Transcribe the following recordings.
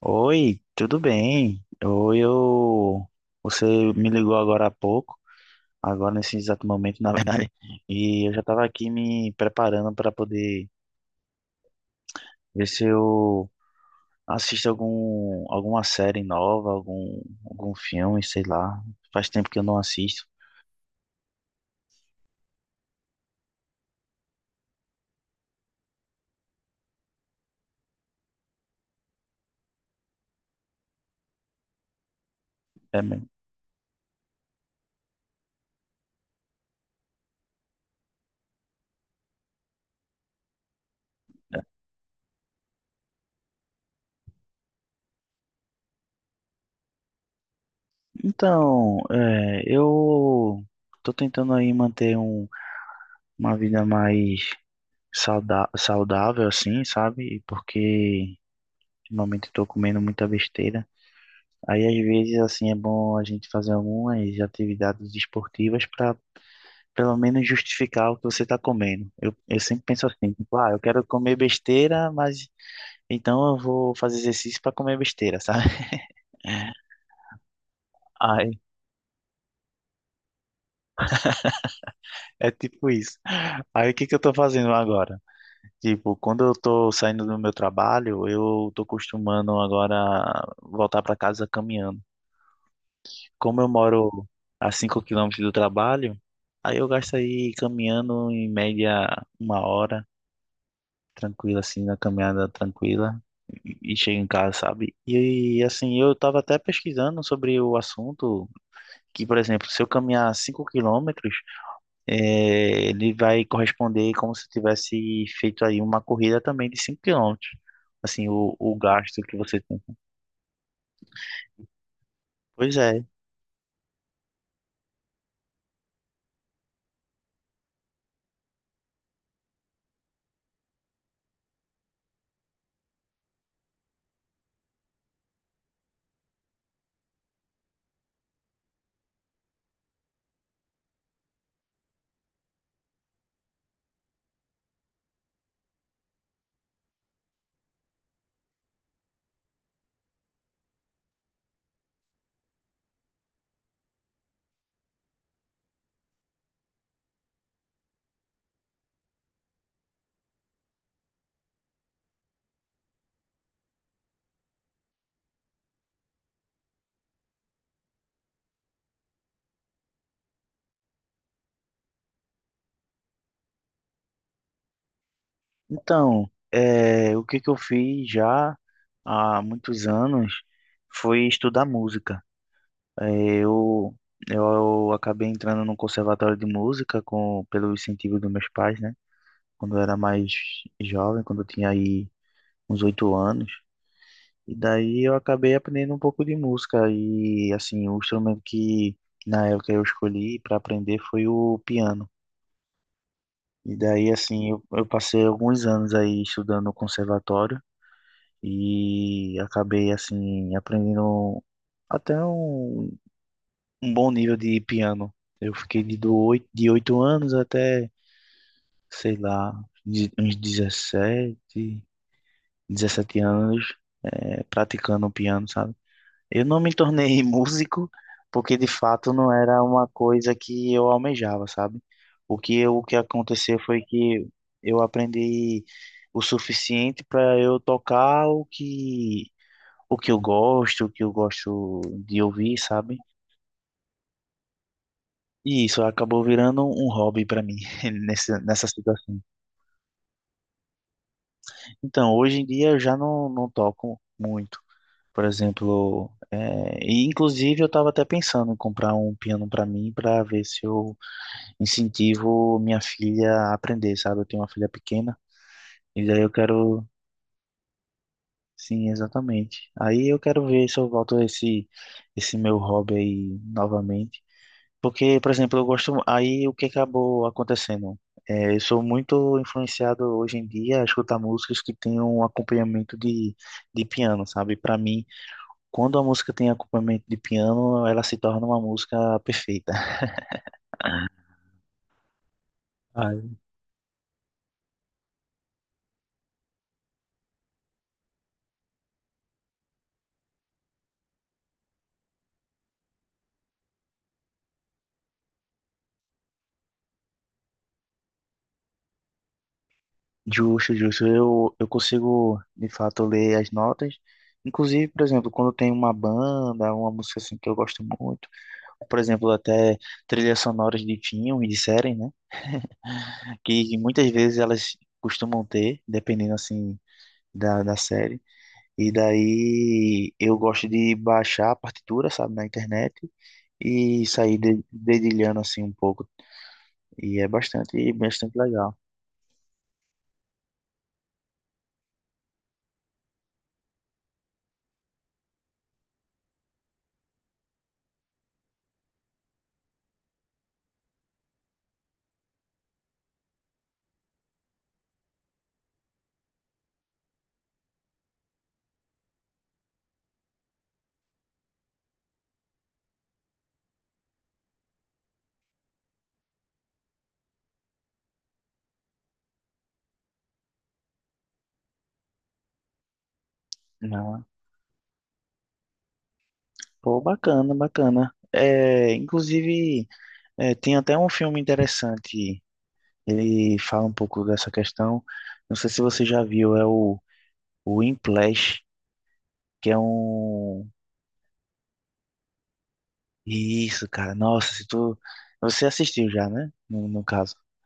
Oi, tudo bem? Oi, eu... Você me ligou agora há pouco, agora nesse exato momento, na verdade, e eu já estava aqui me preparando para poder ver se eu assisto alguma série nova, algum filme, sei lá. Faz tempo que eu não assisto. É mesmo. É. Então, é, eu tô tentando aí manter uma vida mais sauda saudável, assim, sabe? Porque ultimamente estou comendo muita besteira. Aí, às vezes, assim, é bom a gente fazer algumas atividades esportivas para, pelo menos, justificar o que você está comendo. Eu sempre penso assim, tipo, ah, eu quero comer besteira, mas então eu vou fazer exercício para comer besteira, sabe? Aí, é tipo isso. Aí, o que que eu estou fazendo agora? Tipo, quando eu estou saindo do meu trabalho, eu estou costumando agora voltar para casa caminhando. Como eu moro a 5 quilômetros do trabalho, aí eu gasto aí caminhando em média uma hora, tranquila, assim, na caminhada tranquila, e chego em casa, sabe? E assim, eu tava até pesquisando sobre o assunto, que, por exemplo, se eu caminhar 5 quilômetros, ele vai corresponder como se eu tivesse feito aí uma corrida também de 5 quilômetros. Assim, o gasto que você tem. Pois é. Então, o que que eu fiz já? Há muitos anos foi estudar música. Eh, Eu, eu acabei entrando no conservatório de música com, pelo incentivo dos meus pais, né? Quando eu era mais jovem, quando eu tinha aí uns 8 anos. E daí eu acabei aprendendo um pouco de música. E assim, o instrumento que na época eu escolhi para aprender foi o piano. E daí, assim, eu passei alguns anos aí estudando no conservatório e acabei, assim, aprendendo até um bom nível de piano. Eu fiquei de oito anos até, sei lá, uns 17, 17 anos, praticando piano, sabe? Eu não me tornei músico porque de fato não era uma coisa que eu almejava, sabe? O que eu, o que aconteceu foi que eu aprendi o suficiente para eu tocar o que eu gosto, o que eu gosto de ouvir, sabe? E isso acabou virando um hobby para mim nessa situação. Então, hoje em dia eu já não, não toco muito. Por exemplo, é, e inclusive eu estava até pensando em comprar um piano para mim para ver se eu incentivo minha filha a aprender, sabe? Eu tenho uma filha pequena e daí eu quero, sim, exatamente. Aí eu quero ver se eu volto a esse meu hobby aí novamente. Porque, por exemplo, eu gosto. Aí o que acabou acontecendo? É, eu sou muito influenciado hoje em dia a escutar músicas que têm um acompanhamento de piano, sabe? Para mim, quando a música tem acompanhamento de piano, ela se torna uma música perfeita. Ah, justo, justo. Eu consigo, de fato, ler as notas. Inclusive, por exemplo, quando tem uma banda, uma música assim que eu gosto muito, por exemplo, até trilhas sonoras de filmes, de séries, né? Que muitas vezes elas costumam ter, dependendo assim da série. E daí eu gosto de baixar a partitura, sabe, na internet e sair dedilhando assim um pouco. E é bastante, bastante legal. Ah, pô, bacana, bacana. É, inclusive, é, tem até um filme interessante. Ele fala um pouco dessa questão. Não sei se você já viu, é o Whiplash, que é um. Isso, cara. Nossa, se tu. Você assistiu já, né? No caso.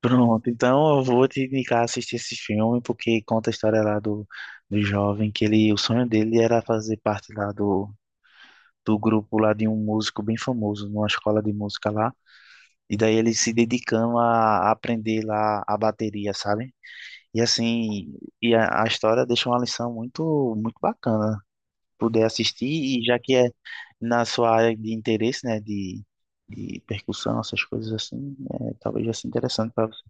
Pronto, então eu vou te indicar assistir esse filme, porque conta a história lá do jovem, que ele, o sonho dele era fazer parte lá do grupo lá de um músico bem famoso, numa escola de música lá, e daí ele se dedicando a aprender lá a bateria, sabe? E assim, e a história deixa uma lição muito, muito bacana poder assistir, e já que é na sua área de interesse, né, de, percussão, essas coisas assim, é, talvez já seja interessante para você.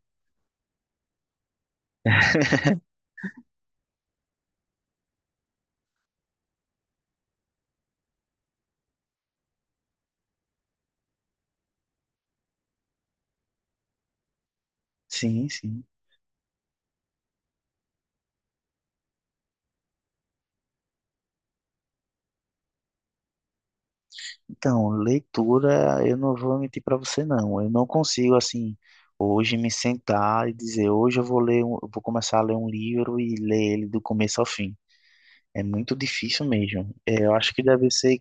Sim, sim. Então, leitura, eu não vou mentir para você, não. Eu não consigo, assim, hoje me sentar e dizer, hoje eu vou ler, eu vou começar a ler um livro e ler ele do começo ao fim. É muito difícil mesmo. É, eu acho que deve ser,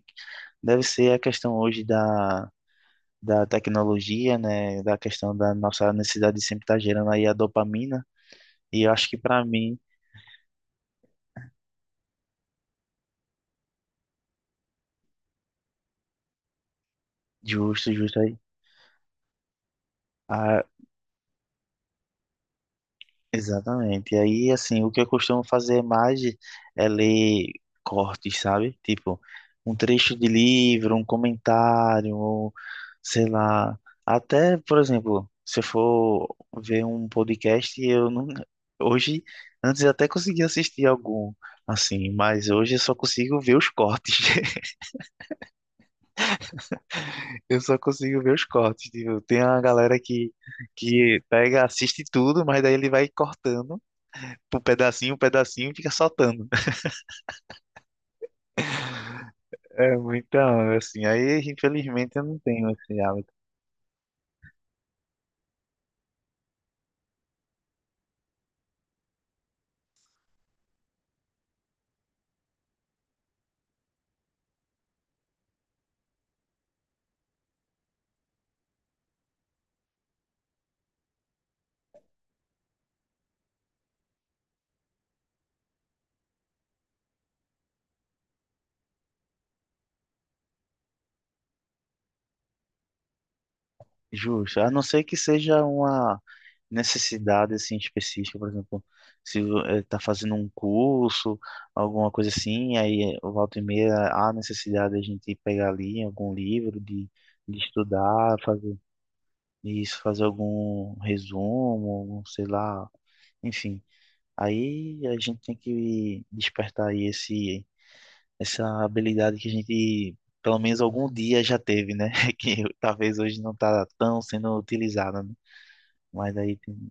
deve ser a questão hoje da tecnologia, né, da questão da nossa necessidade de sempre estar gerando aí a dopamina. E eu acho que pra mim, justo, justo aí. Ah, exatamente. E aí, assim, o que eu costumo fazer mais é ler cortes, sabe? Tipo, um trecho de livro, um comentário, ou, sei lá. Até, por exemplo, se eu for ver um podcast, eu não. Hoje, antes eu até conseguia assistir algum, assim, mas hoje eu só consigo ver os cortes. Eu só consigo ver os cortes. Tipo, tem uma galera que pega, assiste tudo, mas daí ele vai cortando um pedacinho e fica soltando. É, então, assim, aí infelizmente eu não tenho esse hábito. Justo. A não ser que seja uma necessidade assim específica, por exemplo, se está fazendo um curso, alguma coisa assim, aí volta e meia há necessidade de a gente pegar ali algum livro de, estudar, fazer Isso, fazer algum resumo, algum, sei lá, enfim. Aí a gente tem que despertar aí esse, essa habilidade que a gente, pelo menos algum dia já teve, né? Que talvez hoje não tá tão sendo utilizada, né? Mas aí tem...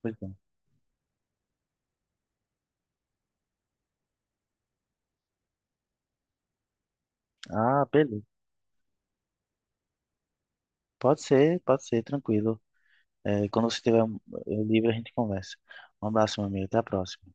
Pois é. Ah, beleza. Pode ser, tranquilo. É, quando você estiver livre, a gente conversa. Um abraço, meu amigo. Até a próxima.